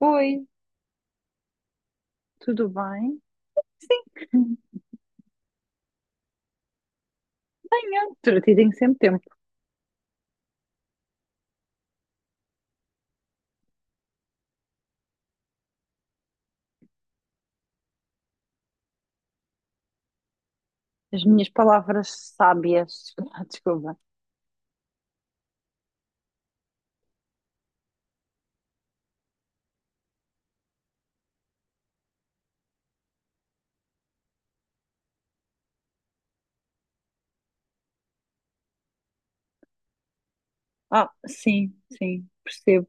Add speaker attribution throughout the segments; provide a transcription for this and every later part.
Speaker 1: Oi, tudo bem? Sim, tenho. Tudo tem sempre tempo. As minhas palavras sábias. Desculpa. Ah, sim, percebo.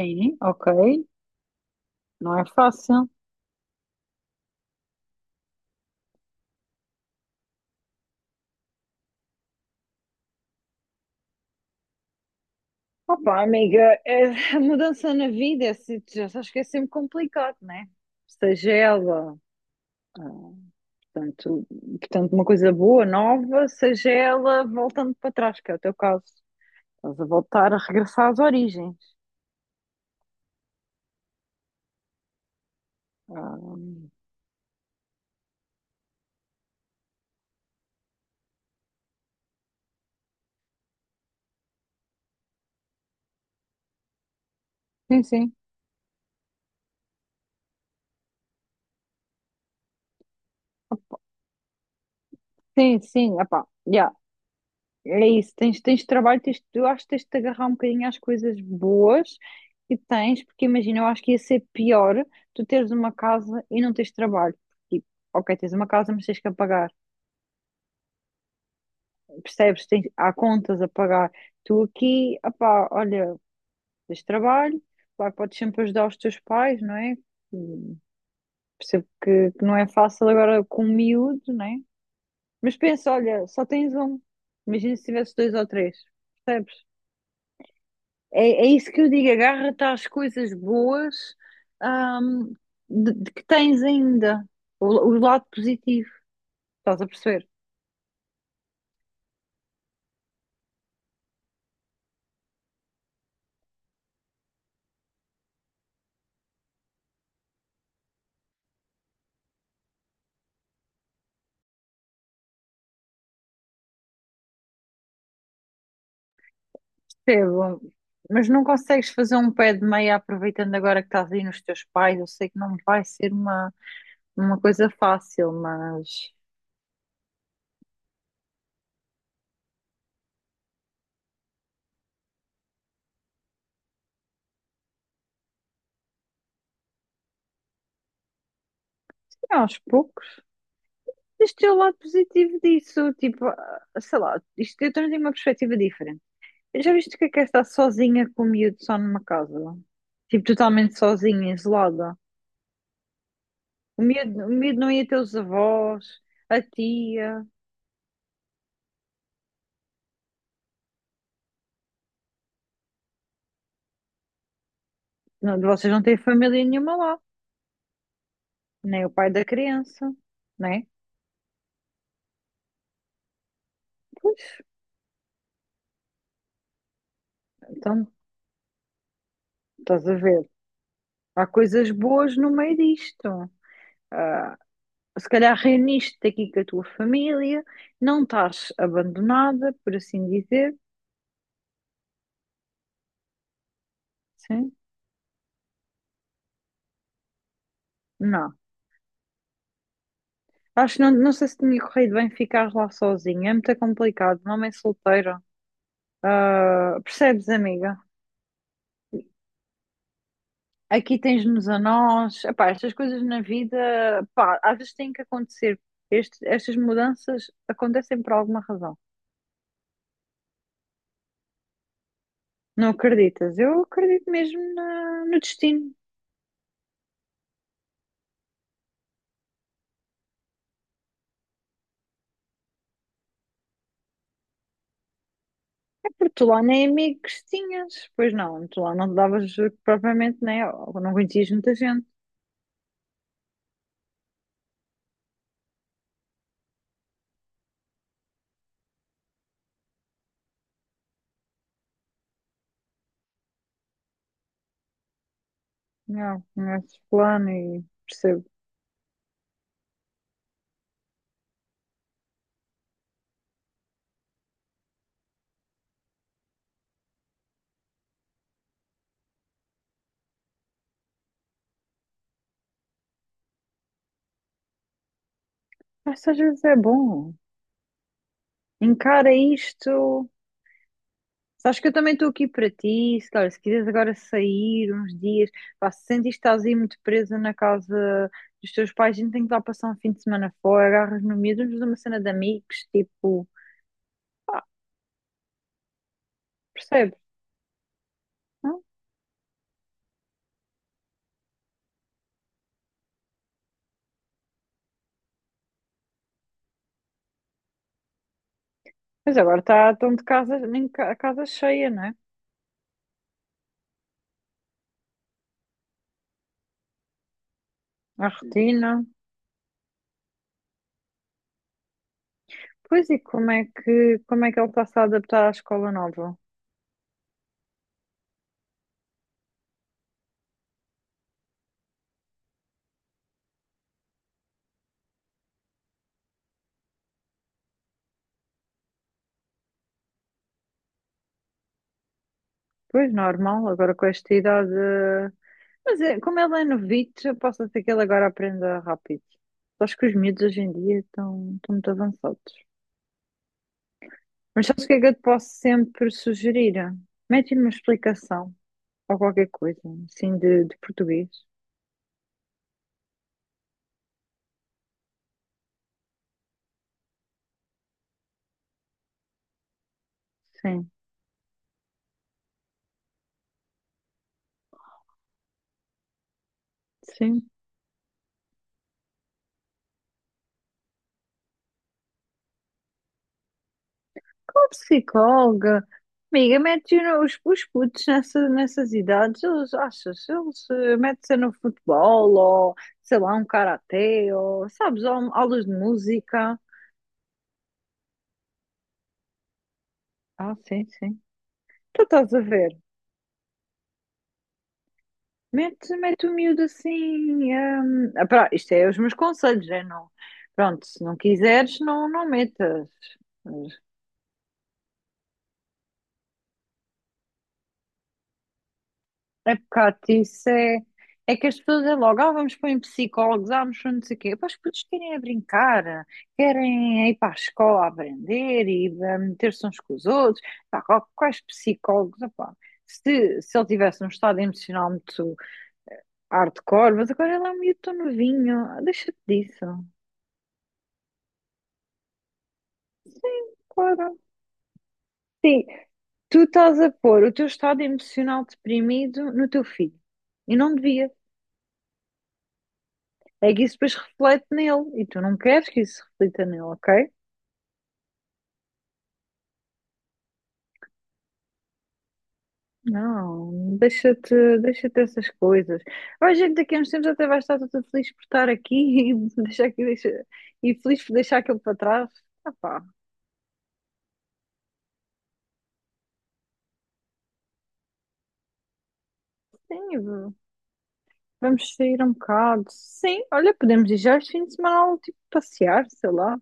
Speaker 1: Sim, ok. Não é fácil. Opa, amiga, a mudança na vida, é, já sabes que é sempre complicado, né? Seja ela, ah, portanto, portanto, uma coisa boa, nova, seja ela voltando para trás, que é o teu caso. Estás a voltar a regressar às origens. Ah, sim, sim, sim, sim, epá, já. É isso, tens, tens trabalho, tens, eu acho que tens de te agarrar um bocadinho às coisas boas que tens, porque imagina, eu acho que ia ser pior tu teres uma casa e não tens trabalho. Tipo, ok, tens uma casa, mas tens que a pagar, percebes? Tens, há contas a pagar. Tu aqui, opá, olha, tens trabalho, claro que podes sempre ajudar os teus pais, não é? Hum, Percebo que não é fácil agora com o miúdo, não é? Mas pensa, olha, só tens um. Imagina se tivesse dois ou três, percebes? É, é isso que eu digo, agarra-te às coisas boas, ahm, de que tens ainda, o lado positivo, estás a perceber? Percebo, mas não consegues fazer um pé de meia aproveitando agora que estás aí nos teus pais. Eu sei que não vai ser uma coisa fácil, mas é, aos poucos. Este é o lado positivo disso, tipo, ah, sei lá, isto eu tenho uma perspectiva diferente. Já viste o que é estar sozinha com o miúdo só numa casa? Tipo, totalmente sozinha, isolada. O miúdo não ia ter os avós, a tia. Não, vocês não têm família nenhuma lá, nem o pai da criança, né? Pois, então, estás a ver. Há coisas boas no meio disto. Ah, se calhar reuniste-te aqui com a tua família, não estás abandonada, por assim dizer. Sim? Não. Acho que não, não sei se tinha corrido bem ficar lá sozinha. É muito complicado. Uma mãe solteira. Ah, percebes, amiga? Aqui tens-nos a nós. Epá, estas coisas na vida, pá, às vezes têm que acontecer. Estas mudanças acontecem por alguma razão. Não acreditas? Eu acredito mesmo no destino. É porque tu lá nem amigos tinhas. Pois não, tu lá não te davas propriamente, né? Ou não conhecias muita gente. Não, conheces plano e percebo. Mas às vezes é bom. Encara isto. Sabes que eu também estou aqui para ti, se, olha, se quiseres agora sair uns dias, pá, se sentires que estás aí muito presa na casa dos teus pais, a gente tem que lá passar um fim de semana fora, agarras no miúdo, vamos fazer uma cena de amigos, tipo, pá, percebes, não? Mas agora tá, estão de casa, nem ca- a casa cheia, não é? A rotina. Pois e como é que ele está-se a adaptar à escola nova? Pois, normal, agora com esta idade. Mas é, como ele é novito, eu posso ser que ele agora aprenda rápido. Acho que os miúdos hoje em dia estão, estão muito avançados. Mas sabes o que é que eu te posso sempre sugerir? Mete-lhe uma explicação ou qualquer coisa, assim, de português. Sim, sim. Qual psicóloga? Amiga, mete os putos nessa, nessas idades, eles, achas, eles metem-se no futebol ou, sei lá, um karatê ou, sabes, ou aulas de música. Ah, sim, sim. Tu estás a ver? Mete, mete o miúdo assim. Hum, ah, pá, isto é os meus conselhos, é não. Pronto, se não quiseres, não, não metas. Mas é pecado, isso é, é que as pessoas é logo, ah, vamos pôr em psicólogos, ah, vamos pôr não sei o quê. Pá, os putos querem é brincar, querem é ir para a escola aprender e ah, meter-se uns com os outros. Pá, quais psicólogos? Ah, pá. Se ele tivesse um estado emocional muito hardcore, mas agora ele é um miúdo tão novinho, ah, deixa-te disso. Claro. Sim, tu estás a pôr o teu estado emocional deprimido no teu filho. E não devia. É que isso depois reflete nele. E tu não queres que isso se reflita nele, ok? Não, deixa-te, deixa-te essas coisas. Vai, gente, daqui a uns tempos até vais estar toda feliz por estar aqui e deixar que deixa, e feliz por deixar aquilo para trás. Ah pá, sim, vamos sair um bocado. Sim, olha, podemos ir já este fim de semana, tipo, passear, sei lá.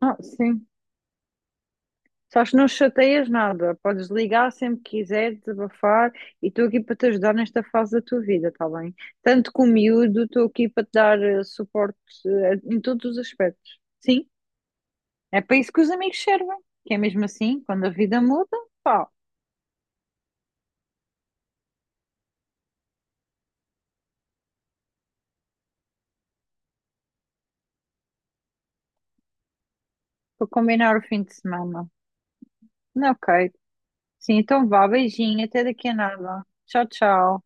Speaker 1: Ah, sim. Sabes, não chateias nada, podes ligar sempre que quiseres, desabafar, e estou aqui para te ajudar nesta fase da tua vida, está bem? Tanto com o miúdo, estou aqui para te dar suporte em todos os aspectos. Sim, é para isso que os amigos servem, que é mesmo assim, quando a vida muda, pá, para combinar o fim de semana. Não, ok. Sim, então vá, beijinho, até daqui a nada. Tchau, tchau.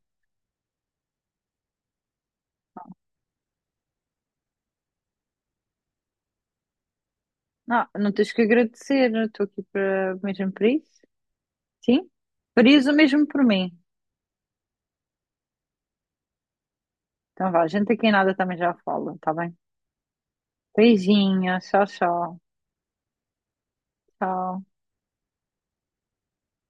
Speaker 1: Não, não tens que agradecer, estou aqui para, mesmo para isso. Sim? Farias o mesmo por mim. Então vá, a gente aqui em nada também já fala, tá bem? Beijinhos, tchau, tchau. Tchau.